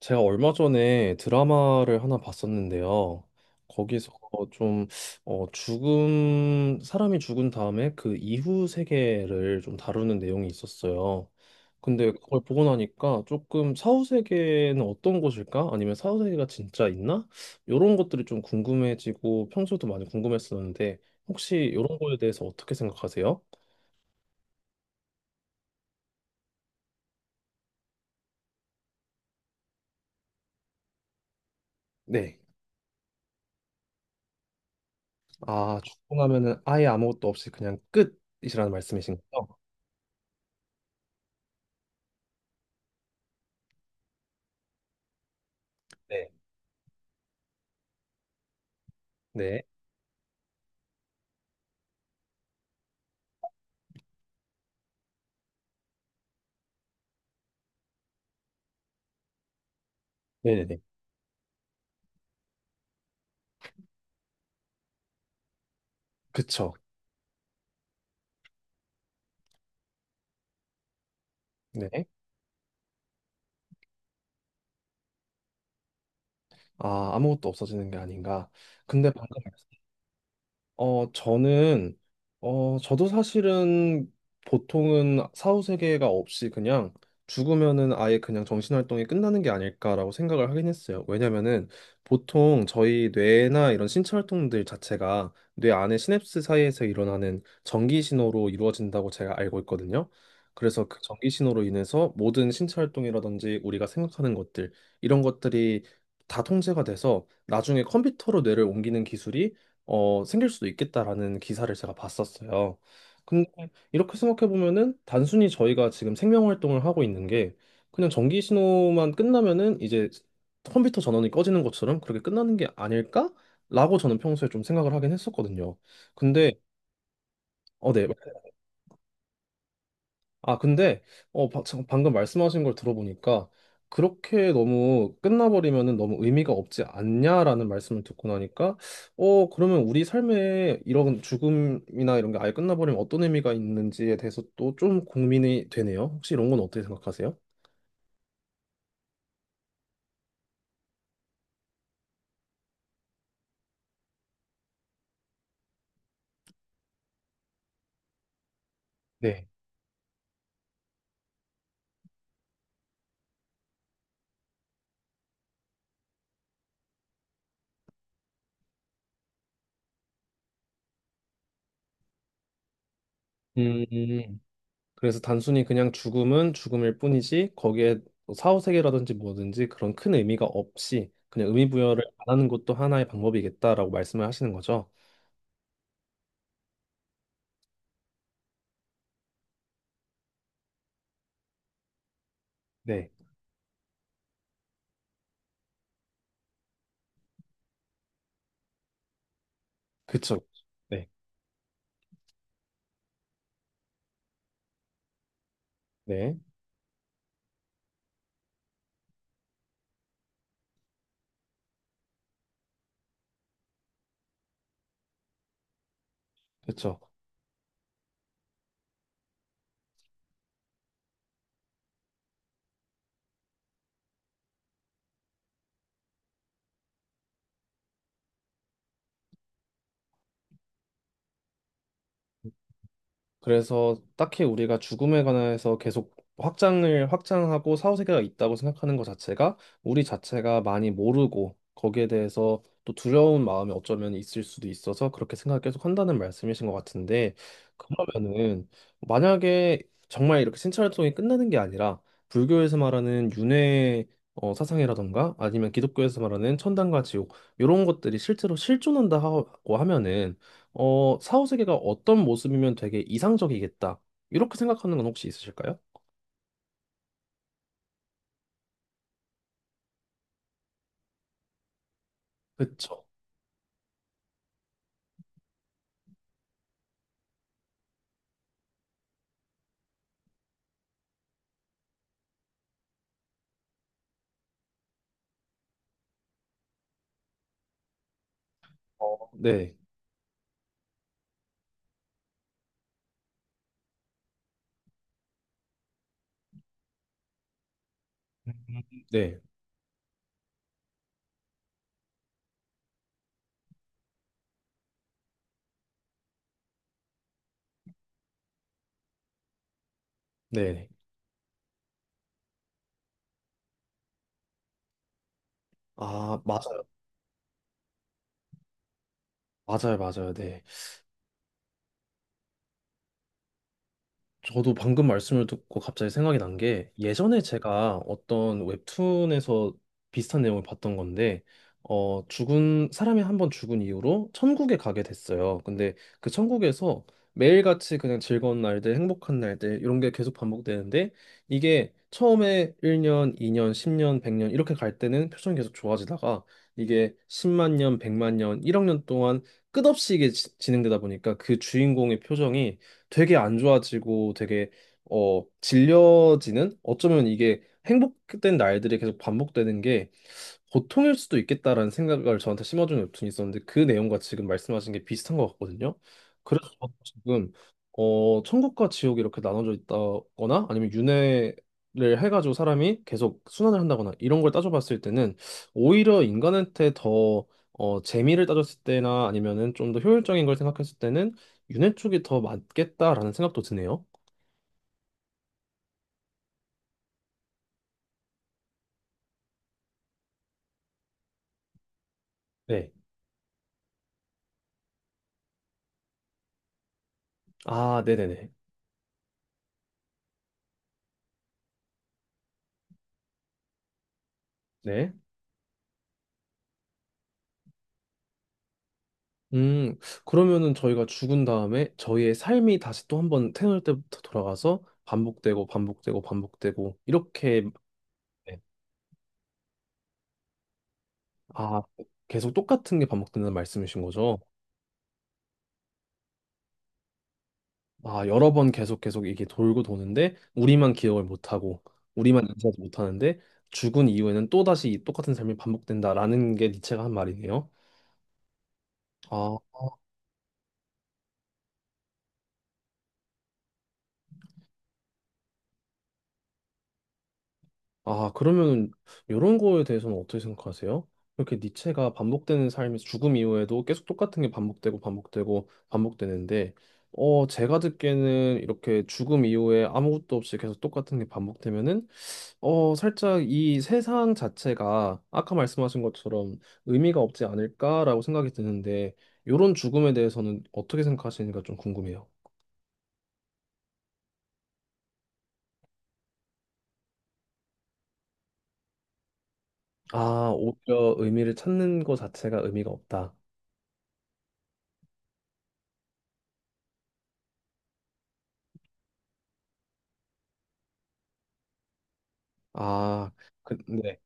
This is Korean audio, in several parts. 제가 얼마 전에 드라마를 하나 봤었는데요. 거기서 좀 죽음, 사람이 죽은 다음에 그 이후 세계를 좀 다루는 내용이 있었어요. 근데 그걸 보고 나니까 조금 사후 세계는 어떤 곳일까? 아니면 사후 세계가 진짜 있나? 이런 것들이 좀 궁금해지고 평소에도 많이 궁금했었는데 혹시 이런 거에 대해서 어떻게 생각하세요? 네. 아, 죽고 나면은 아예 아무것도 없이 그냥 끝이라는 말씀이신 거죠? 네. 네. 네네네. 그쵸. 네. 아, 아무것도 없어지는 게 아닌가. 근데 방금 저는, 저도 사실은 보통은 사후 세계가 없이 그냥 죽으면은 아예 그냥 정신활동이 끝나는 게 아닐까라고 생각을 하긴 했어요. 왜냐면은 보통 저희 뇌나 이런 신체 활동들 자체가 뇌 안의 시냅스 사이에서 일어나는 전기 신호로 이루어진다고 제가 알고 있거든요. 그래서 그 전기 신호로 인해서 모든 신체 활동이라든지 우리가 생각하는 것들, 이런 것들이 다 통제가 돼서 나중에 컴퓨터로 뇌를 옮기는 기술이 생길 수도 있겠다라는 기사를 제가 봤었어요. 근데 이렇게 생각해 보면은 단순히 저희가 지금 생명 활동을 하고 있는 게 그냥 전기 신호만 끝나면은 이제 컴퓨터 전원이 꺼지는 것처럼 그렇게 끝나는 게 아닐까라고 저는 평소에 좀 생각을 하긴 했었거든요. 근데 네. 아, 근데, 참, 방금 말씀하신 걸 들어보니까, 그렇게 너무 끝나버리면은 너무 의미가 없지 않냐라는 말씀을 듣고 나니까, 그러면 우리 삶에 이런 죽음이나 이런 게 아예 끝나버리면 어떤 의미가 있는지에 대해서 또 좀 고민이 되네요. 혹시 이런 건 어떻게 생각하세요? 네. 음, 그래서 단순히 그냥 죽음은 죽음일 뿐이지, 거기에 뭐 사후세계라든지 뭐든지 그런 큰 의미가 없이, 그냥 의미 부여를 안 하는 것도 하나의 방법이겠다라고 말씀을 하시는 거죠. 네. 그쵸. 네. 네. 그쵸. 그래서 딱히 우리가 죽음에 관해서 계속 확장을 확장하고 사후세계가 있다고 생각하는 것 자체가 우리 자체가 많이 모르고 거기에 대해서 또 두려운 마음이 어쩌면 있을 수도 있어서 그렇게 생각을 계속 한다는 말씀이신 것 같은데 그러면은 만약에 정말 이렇게 신체활동이 끝나는 게 아니라 불교에서 말하는 윤회 사상이라던가 아니면 기독교에서 말하는 천당과 지옥 이런 것들이 실제로 실존한다고 하면은 사후세계가 어떤 모습이면 되게 이상적이겠다. 이렇게 생각하는 건 혹시 있으실까요? 그쵸. 어, 네, 네, 네. 아, 맞아요. 맞아요, 맞아요. 네. 저도 방금 말씀을 듣고 갑자기 생각이 난 게 예전에 제가 어떤 웹툰에서 비슷한 내용을 봤던 건데 어 죽은 사람이 한번 죽은 이후로 천국에 가게 됐어요. 근데 그 천국에서 매일같이 그냥 즐거운 날들, 행복한 날들 이런 게 계속 반복되는데 이게 처음에 1년, 2년, 10년, 100년 이렇게 갈 때는 표정이 계속 좋아지다가 이게 10만 년, 100만 년, 1억 년 동안 끝없이 이게 진행되다 보니까 그 주인공의 표정이 되게 안 좋아지고 되게 어 질려지는 어쩌면 이게 행복된 날들이 계속 반복되는 게 고통일 수도 있겠다라는 생각을 저한테 심어준 웹툰이 있었는데 그 내용과 지금 말씀하신 게 비슷한 것 같거든요. 그래서 저도 지금 어 천국과 지옥이 이렇게 나눠져 있다거나 아니면 윤회를 해가지고 사람이 계속 순환을 한다거나 이런 걸 따져봤을 때는 오히려 인간한테 더 재미를 따졌을 때나 아니면은 좀 더 효율적인 걸 생각했을 때는 윤회 쪽이 더 맞겠다라는 생각도 드네요. 네, 아, 네네네. 네, 음, 그러면은 저희가 죽은 다음에 저희의 삶이 다시 또 한번 태어날 때부터 돌아가서 반복되고 반복되고 반복되고 이렇게 네, 아, 계속 똑같은 게 반복된다는 말씀이신 거죠? 아, 여러 번 계속 계속 이게 돌고 도는데 우리만 기억을 못 하고 우리만 인지하지 못하는데 죽은 이후에는 또다시 이 똑같은 삶이 반복된다라는 게 니체가 한 말이네요. 아, 아, 그러면 이런 거에 대해서는 어떻게 생각하세요? 이렇게 니체가 반복되는 삶에서 죽음 이후에도 계속 똑같은 게 반복되고 반복되고 반복되는데, 제가 듣기에는 이렇게 죽음 이후에 아무것도 없이 계속 똑같은 게 반복되면은, 살짝 이 세상 자체가 아까 말씀하신 것처럼 의미가 없지 않을까라고 생각이 드는데, 이런 죽음에 대해서는 어떻게 생각하시는지가 좀 궁금해요. 아, 오히려 의미를 찾는 것 자체가 의미가 없다. 아, 근데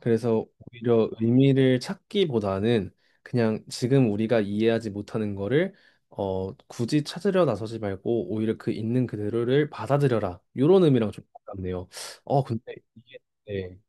그래서 오히려 의미를 찾기보다는 그냥 지금 우리가 이해하지 못하는 거를 굳이 찾으려 나서지 말고 오히려 그 있는 그대로를 받아들여라. 이런 의미랑 좀 가깝네요. 어, 근데 이게 네.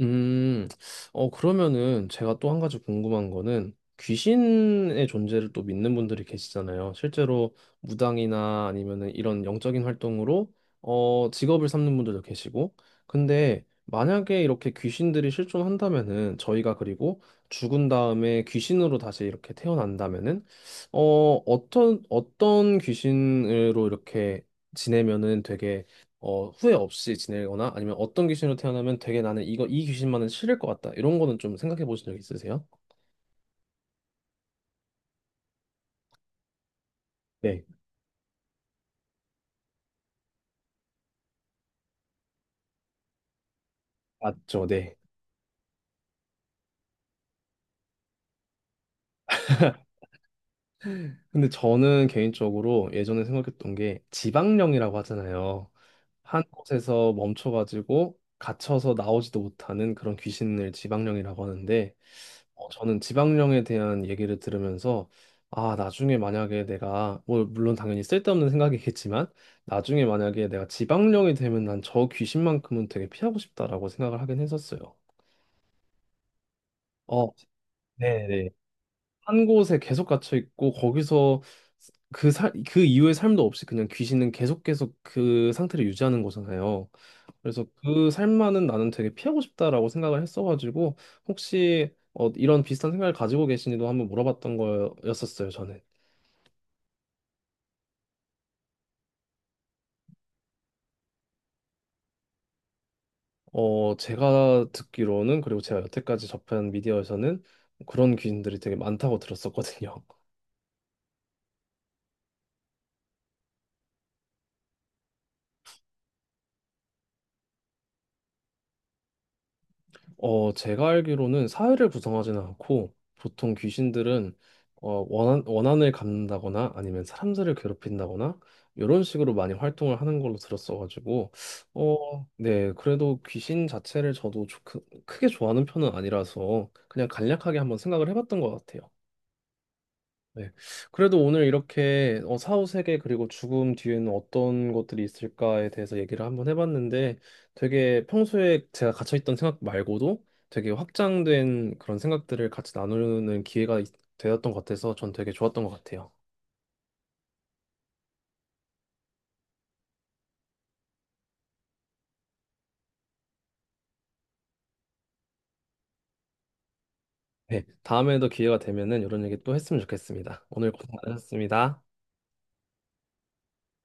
음, 그러면은 제가 또 한 가지 궁금한 거는 귀신의 존재를 또 믿는 분들이 계시잖아요. 실제로 무당이나 아니면은 이런 영적인 활동으로 직업을 삼는 분들도 계시고. 근데 만약에 이렇게 귀신들이 실존한다면은 저희가 그리고 죽은 다음에 귀신으로 다시 이렇게 태어난다면은 어, 어떤 어떤 귀신으로 이렇게 지내면은 되게 후회 없이 지내거나 아니면 어떤 귀신으로 태어나면 되게 나는 이거 이 귀신만은 싫을 것 같다. 이런 거는 좀 생각해 보신 적 있으세요? 네, 맞죠. 네. 근데 저는 개인적으로 예전에 생각했던 게 지방령이라고 하잖아요. 한 곳에서 멈춰가지고 갇혀서 나오지도 못하는 그런 귀신을 지방령이라고 하는데 저는 지방령에 대한 얘기를 들으면서 아, 나중에 만약에 내가 뭐 물론 당연히 쓸데없는 생각이겠지만 나중에 만약에 내가 지방령이 되면 난 저 귀신만큼은 되게 피하고 싶다라고 생각을 하긴 했었어요. 어, 네네. 한 곳에 계속 갇혀 있고 거기서 그 살, 그 이후의 삶도 없이 그냥 귀신은 계속 계속 그 상태를 유지하는 거잖아요. 그래서 그 삶만은 나는 되게 피하고 싶다라고 생각을 했어가지고 혹시 이런 비슷한 생각을 가지고 계시니도 한번 물어봤던 거였었어요, 저는. 어, 제가 듣기로는 그리고 제가 여태까지 접한 미디어에서는 그런 귀신들이 되게 많다고 들었었거든요. 어, 제가 알기로는 사회를 구성하지는 않고 보통 귀신들은 원한, 원한을 갚는다거나 아니면 사람들을 괴롭힌다거나 이런 식으로 많이 활동을 하는 걸로 들었어가지고 어, 네, 그래도 귀신 자체를 저도 크, 크게 좋아하는 편은 아니라서 그냥 간략하게 한번 생각을 해봤던 것 같아요. 네. 그래도 오늘 이렇게 사후 세계 그리고 죽음 뒤에는 어떤 것들이 있을까에 대해서 얘기를 한번 해봤는데 되게 평소에 제가 갇혀있던 생각 말고도 되게 확장된 그런 생각들을 같이 나누는 기회가 있- 되었던 것 같아서 전 되게 좋았던 것 같아요. 네. 다음에도 기회가 되면은 이런 얘기 또 했으면 좋겠습니다. 오늘 고생 많으셨습니다.